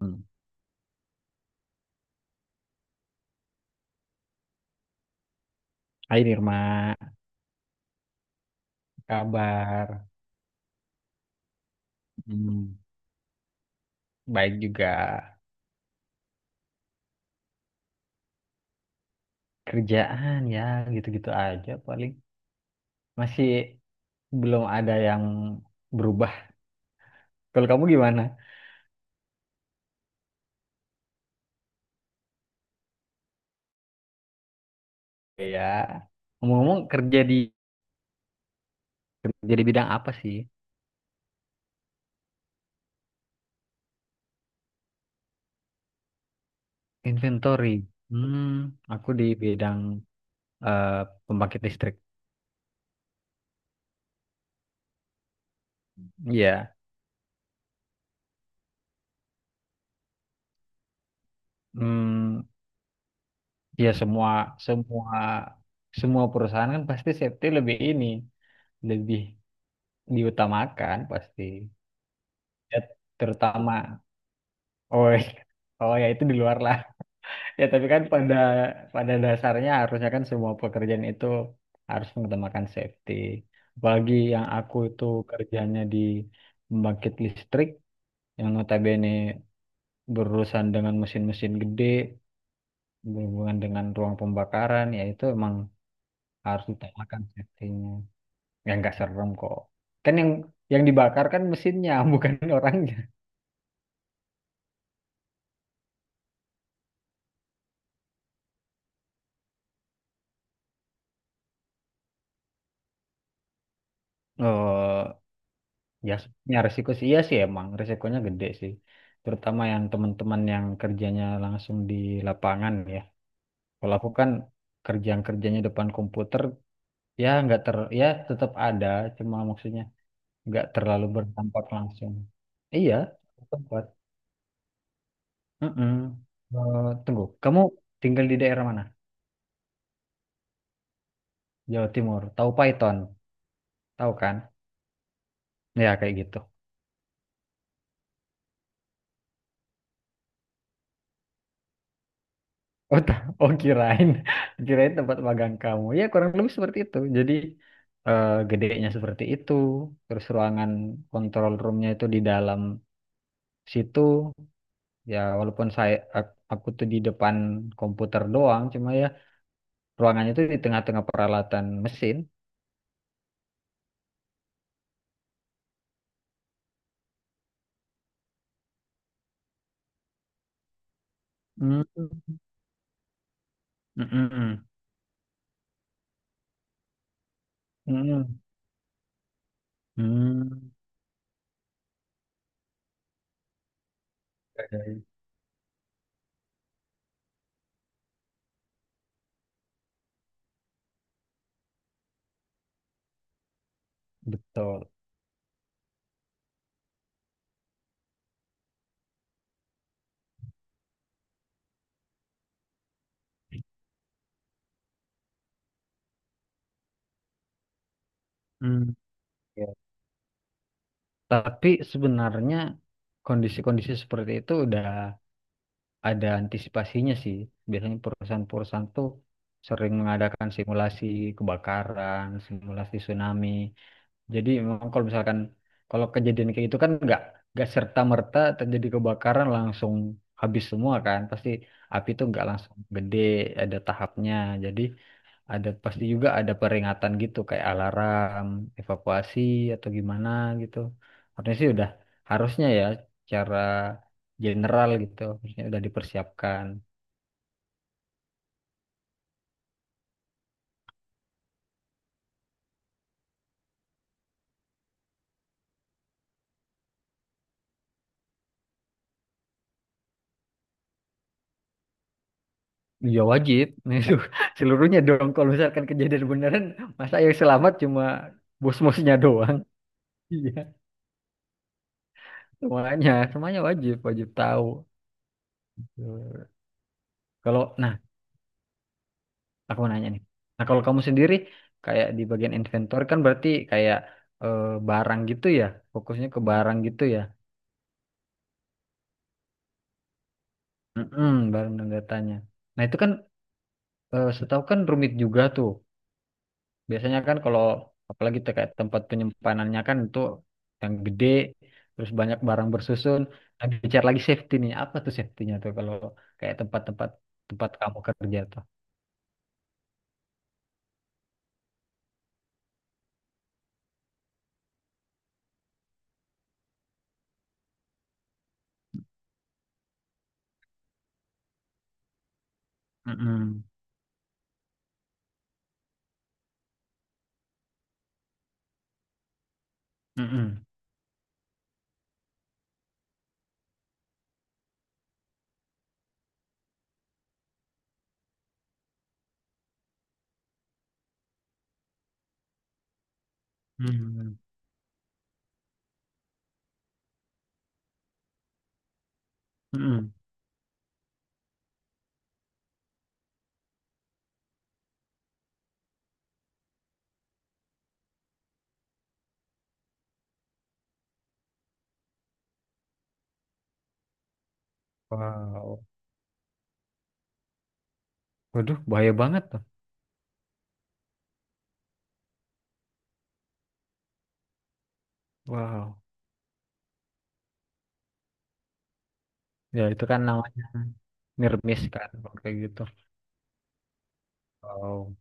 Hmm. Hai Nirma, kabar? Hmm, baik juga. Kerjaan ya, gitu-gitu aja paling. Masih belum ada yang berubah. Kalau kamu gimana? Ya, ngomong-ngomong kerja di bidang apa sih? Inventory. Hmm, aku di bidang eh, pembangkit listrik. Iya. Hmm, ya semua semua semua perusahaan kan pasti safety lebih ini, lebih diutamakan pasti. Ya terutama oh, oh ya, itu di luar lah. Ya tapi kan pada pada dasarnya harusnya kan semua pekerjaan itu harus mengutamakan safety, apalagi yang aku itu kerjanya di pembangkit listrik yang notabene berurusan dengan mesin-mesin gede, berhubungan dengan ruang pembakaran. Ya itu emang harus ditamakan safety-nya. Ya nggak serem kok, kan yang dibakar kan mesinnya, bukan orangnya. Oh. Ya, ya, resiko sih, iya sih emang resikonya gede sih. Terutama yang teman-teman yang kerjanya langsung di lapangan ya. Kalau aku kan kerja yang kerjanya depan komputer, ya nggak ter, ya tetap ada, cuma maksudnya nggak terlalu berdampak langsung. Iya, tempat. Mm-mm. Eh, tunggu, kamu tinggal di daerah mana? Jawa Timur. Tahu Python? Tahu kan? Ya kayak gitu. Oh, ta- oh, kirain, kirain tempat magang kamu. Ya kurang lebih seperti itu. Jadi gedenya seperti itu. Terus ruangan kontrol roomnya itu di dalam situ. Ya walaupun aku tuh di depan komputer doang, cuma ya ruangannya itu di tengah-tengah peralatan mesin. Hmm. Mm-mm. Mm-mm. Hmm. Ya, ya. Betul. Hmm. Ya. Tapi sebenarnya kondisi-kondisi seperti itu udah ada antisipasinya sih. Biasanya perusahaan-perusahaan tuh sering mengadakan simulasi kebakaran, simulasi tsunami. Jadi memang kalau misalkan kalau kejadian kayak itu kan nggak serta merta terjadi kebakaran langsung habis semua kan. Pasti api itu nggak langsung gede, ada tahapnya. Jadi pasti juga ada peringatan gitu kayak alarm, evakuasi atau gimana gitu. Harusnya sih udah, harusnya ya cara general gitu, harusnya udah dipersiapkan. Ya wajib, itu seluruhnya dong. Kalau misalkan kejadian beneran, masa yang selamat cuma bos-bosnya doang. Iya, semuanya, semuanya wajib, wajib tahu. Kalau nah Aku mau nanya nih. Nah, kalau kamu sendiri kayak di bagian inventor kan berarti kayak eh, barang gitu ya, fokusnya ke barang gitu ya. Mm-mm, barang dan datanya. Nah, itu kan setahu kan rumit juga tuh. Biasanya kan kalau apalagi tuh kayak tempat penyimpanannya kan itu yang gede, terus banyak barang bersusun. Nah, bicara lagi safety nih, apa tuh safety-nya tuh kalau kayak tempat kamu kerja tuh. Mm-mm, mm-mm, mm-mm, mm-mm. Wow, waduh, bahaya banget tuh. Wow. Ya itu kan namanya nirmis kan kalau kayak gitu. Wow.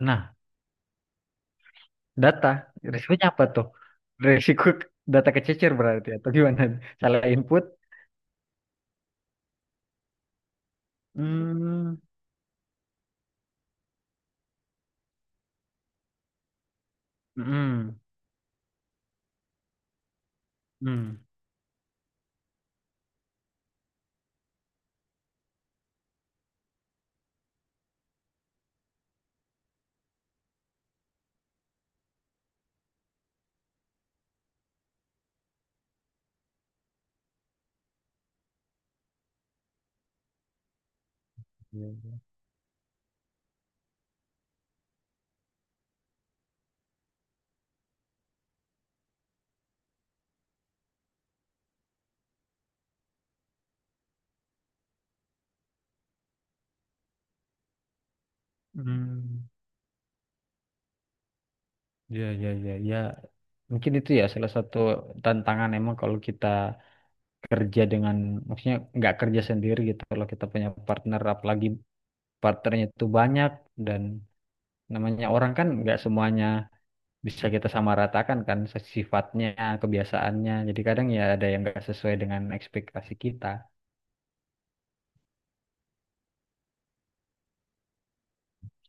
Nah, data risikonya apa tuh? Risiko data kececer berarti atau gimana? Salah input? Hmm. Hmm. Hmm. Iya, iya. Hmm. Ya, ya, ya, ya. Mungkin itu ya salah satu tantangan emang kalau kita kerja dengan, maksudnya nggak kerja sendiri gitu. Kalau kita punya partner, apalagi partnernya itu banyak dan namanya orang kan nggak semuanya bisa kita samaratakan kan sifatnya, kebiasaannya. Jadi kadang ya ada yang nggak sesuai dengan ekspektasi kita.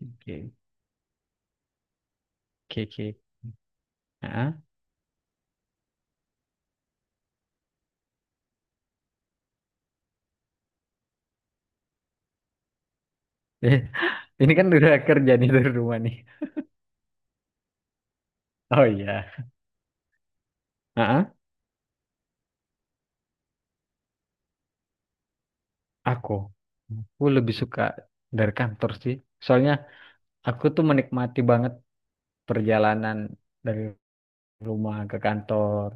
Oke, oke, oke. Heeh. Ini kan udah kerja nih dari rumah nih. Oh iya. Heeh. Aku, aku lebih suka dari kantor sih. Soalnya aku tuh menikmati banget perjalanan dari rumah ke kantor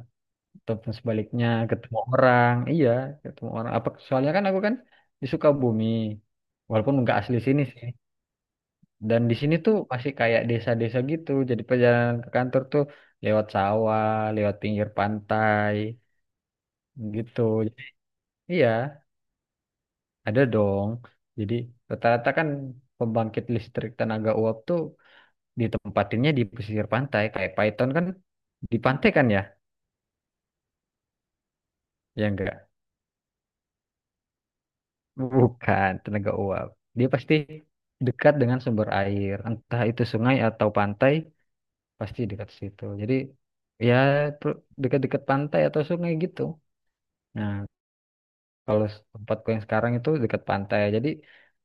ataupun sebaliknya ketemu orang. Iya, ketemu orang. Apa soalnya kan aku kan di Sukabumi. Walaupun nggak asli sini sih. Dan di sini tuh masih kayak desa-desa gitu. Jadi perjalanan ke kantor tuh lewat sawah, lewat pinggir pantai gitu. Iya, ada dong. Jadi rata-rata kan pembangkit listrik tenaga uap tuh ditempatinnya di pesisir pantai. Kayak Python kan di pantai kan ya? Ya enggak. Bukan tenaga uap. Dia pasti dekat dengan sumber air, entah itu sungai atau pantai, pasti dekat situ. Jadi ya dekat-dekat pantai atau sungai gitu. Nah, kalau tempatku yang sekarang itu dekat pantai. Jadi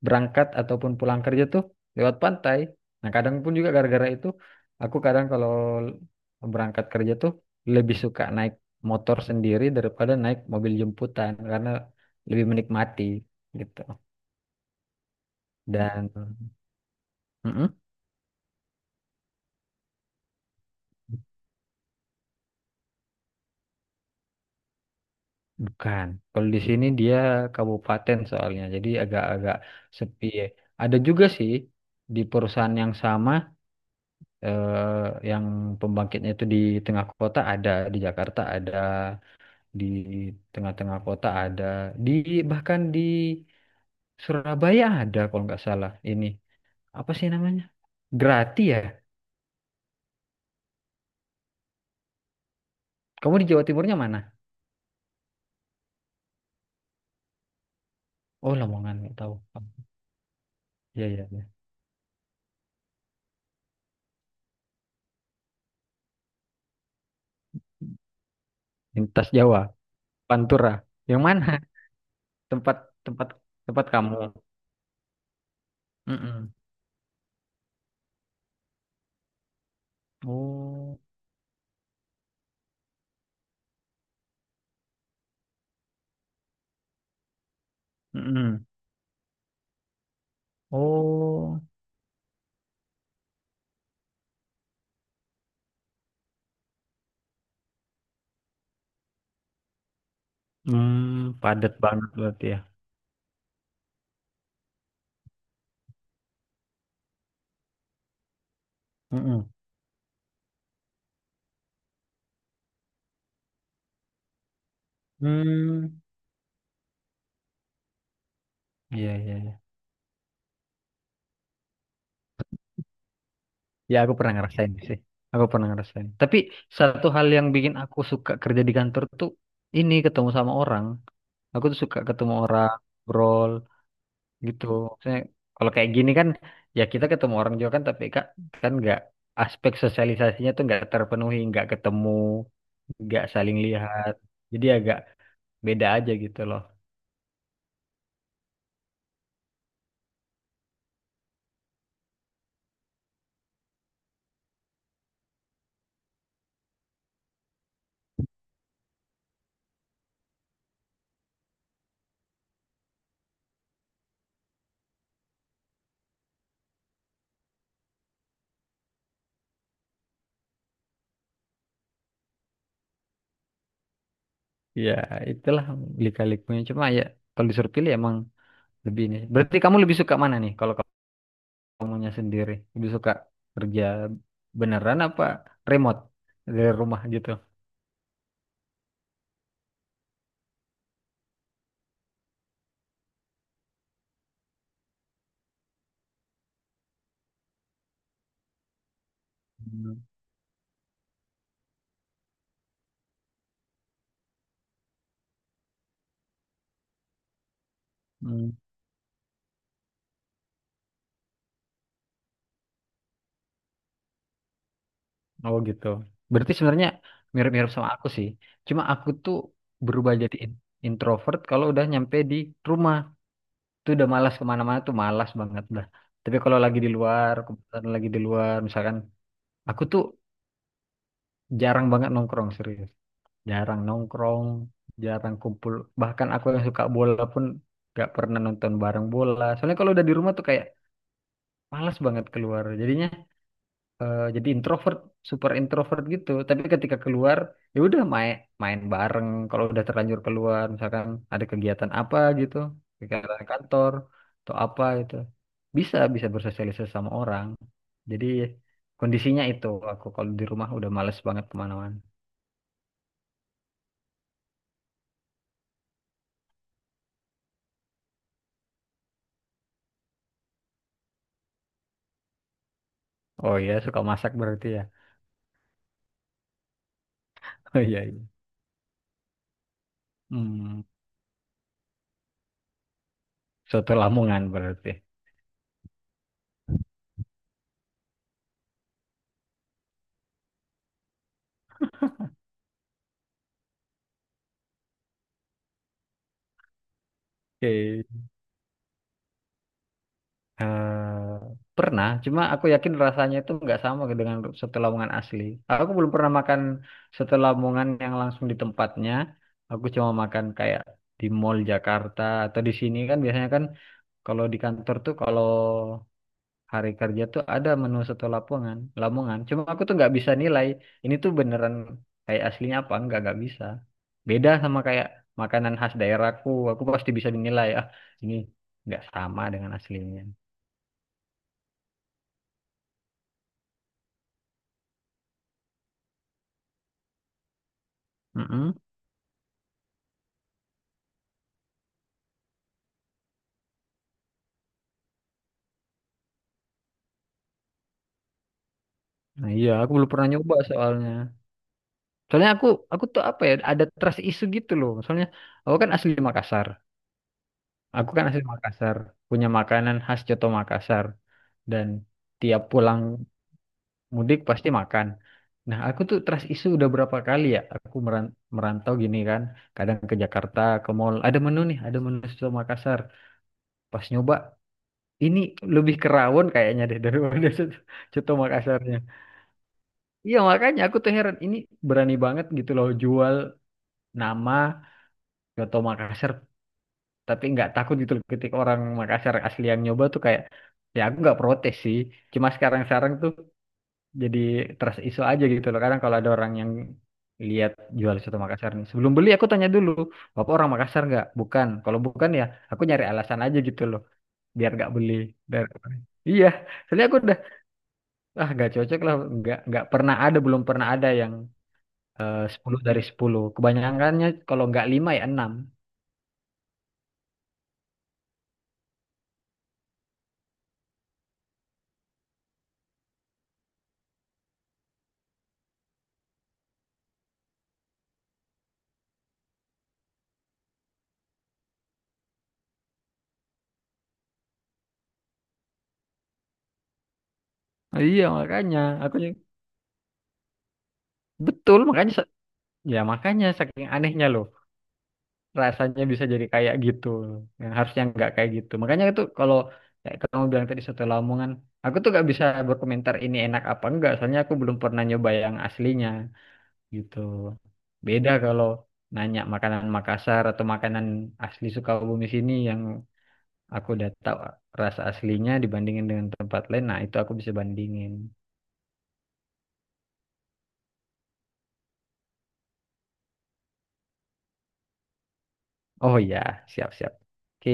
berangkat ataupun pulang kerja tuh lewat pantai. Nah, kadang pun juga gara-gara itu aku kadang kalau berangkat kerja tuh lebih suka naik motor sendiri daripada naik mobil jemputan karena lebih menikmati gitu. Dan Mm-mm, bukan. Kalau di sini dia kabupaten soalnya. Jadi agak-agak sepi. Ada juga sih di perusahaan yang sama yang pembangkitnya itu di tengah kota ada, di Jakarta ada, di tengah-tengah kota ada, di bahkan di Surabaya ada kalau nggak salah ini. Apa sih namanya? Grati ya? Kamu di Jawa Timurnya mana? Oh, Lamongan nggak tahu. Iya, iya, iya. Lintas Jawa, Pantura. Yang mana? Tempat tempat tempat kamu. Mm-mm. Oh, mm-mm. Oh, padat banget berarti ya. Mm-mm. Hmm, iya, iya, iya. Ya, aku pernah ngerasain sih. Aku pernah ngerasain. Tapi satu hal yang bikin aku suka kerja di kantor tuh ini ketemu sama orang. Aku tuh suka ketemu orang, ngobrol gitu. Maksudnya kalau kayak gini kan ya kita ketemu orang juga kan, tapi kan kan nggak, aspek sosialisasinya tuh nggak terpenuhi, nggak ketemu, nggak saling lihat. Jadi agak beda aja gitu loh. Ya, itulah lika-likunya. Cuma ya kalau disuruh pilih emang lebih ini. Berarti kamu lebih suka mana nih? Kalau kamunya sendiri lebih suka kerja beneran apa remote dari rumah gitu? Hmm. Hmm. Oh gitu. Berarti sebenarnya mirip-mirip sama aku sih. Cuma aku tuh berubah jadi introvert kalau udah nyampe di rumah. Tuh udah malas kemana-mana, tuh malas banget dah. Tapi kalau lagi di luar, kebetulan lagi di luar, misalkan aku tuh jarang banget nongkrong serius. Jarang nongkrong, jarang kumpul. Bahkan aku yang suka bola pun gak pernah nonton bareng bola. Soalnya kalau udah di rumah tuh kayak malas banget keluar. Jadinya jadi introvert, super introvert gitu. Tapi ketika keluar, ya udah main main bareng. Kalau udah terlanjur keluar, misalkan ada kegiatan apa gitu, kegiatan kantor atau apa gitu, bisa bisa bersosialisasi sama orang. Jadi kondisinya itu aku kalau di rumah udah males banget kemana-mana. Oh iya, suka masak berarti ya. Oh iya. Iya. Hmm, soto Lamongan berarti. Oke. Eh, pernah, cuma aku yakin rasanya itu nggak sama dengan soto Lamongan asli. Aku belum pernah makan soto Lamongan yang langsung di tempatnya. Aku cuma makan kayak di Mall Jakarta atau di sini kan biasanya kan kalau di kantor tuh kalau hari kerja tuh ada menu soto lamongan lamongan cuma aku tuh nggak bisa nilai ini tuh beneran kayak aslinya apa nggak bisa. Beda sama kayak makanan khas daerahku, aku pasti bisa dinilai, ah ini nggak sama dengan aslinya. Mm-mm. Nah, iya aku belum pernah nyoba soalnya soalnya aku tuh apa ya ada trust isu gitu loh soalnya aku kan asli Makassar, aku kan asli Makassar, punya makanan khas Coto Makassar dan tiap pulang Mudik pasti makan. Nah, aku tuh trust issue udah berapa kali ya aku merantau gini kan. Kadang ke Jakarta, ke mall. Ada menu nih, ada menu soto Makassar. Pas nyoba, ini lebih kerawon kayaknya deh daripada soto Makassarnya. Iya, makanya aku tuh heran. Ini berani banget gitu loh jual nama soto Makassar. Tapi nggak takut gitu loh ketika orang Makassar asli yang nyoba tuh kayak, ya aku nggak protes sih. Cuma sekarang-sekarang tuh jadi trust issue aja gitu loh kadang kalau ada orang yang lihat jual soto Makassar nih sebelum beli aku tanya dulu bapak orang Makassar nggak, bukan? Kalau bukan ya aku nyari alasan aja gitu loh biar nggak beli. dari iya, soalnya aku udah ah nggak cocok lah, nggak pernah ada belum pernah ada yang 10 dari 10. Kebanyakannya kalau nggak lima ya enam. Iya, makanya aku betul, makanya ya makanya saking anehnya loh rasanya bisa jadi kayak gitu yang harusnya nggak kayak gitu. Makanya itu kalau kayak kamu bilang tadi soto Lamongan aku tuh nggak bisa berkomentar ini enak apa enggak soalnya aku belum pernah nyoba yang aslinya gitu. Beda kalau nanya makanan Makassar atau makanan asli Sukabumi sini yang aku udah tahu rasa aslinya dibandingin dengan tempat lain, nah itu aku bisa bandingin. Oh iya, siap siap, oke.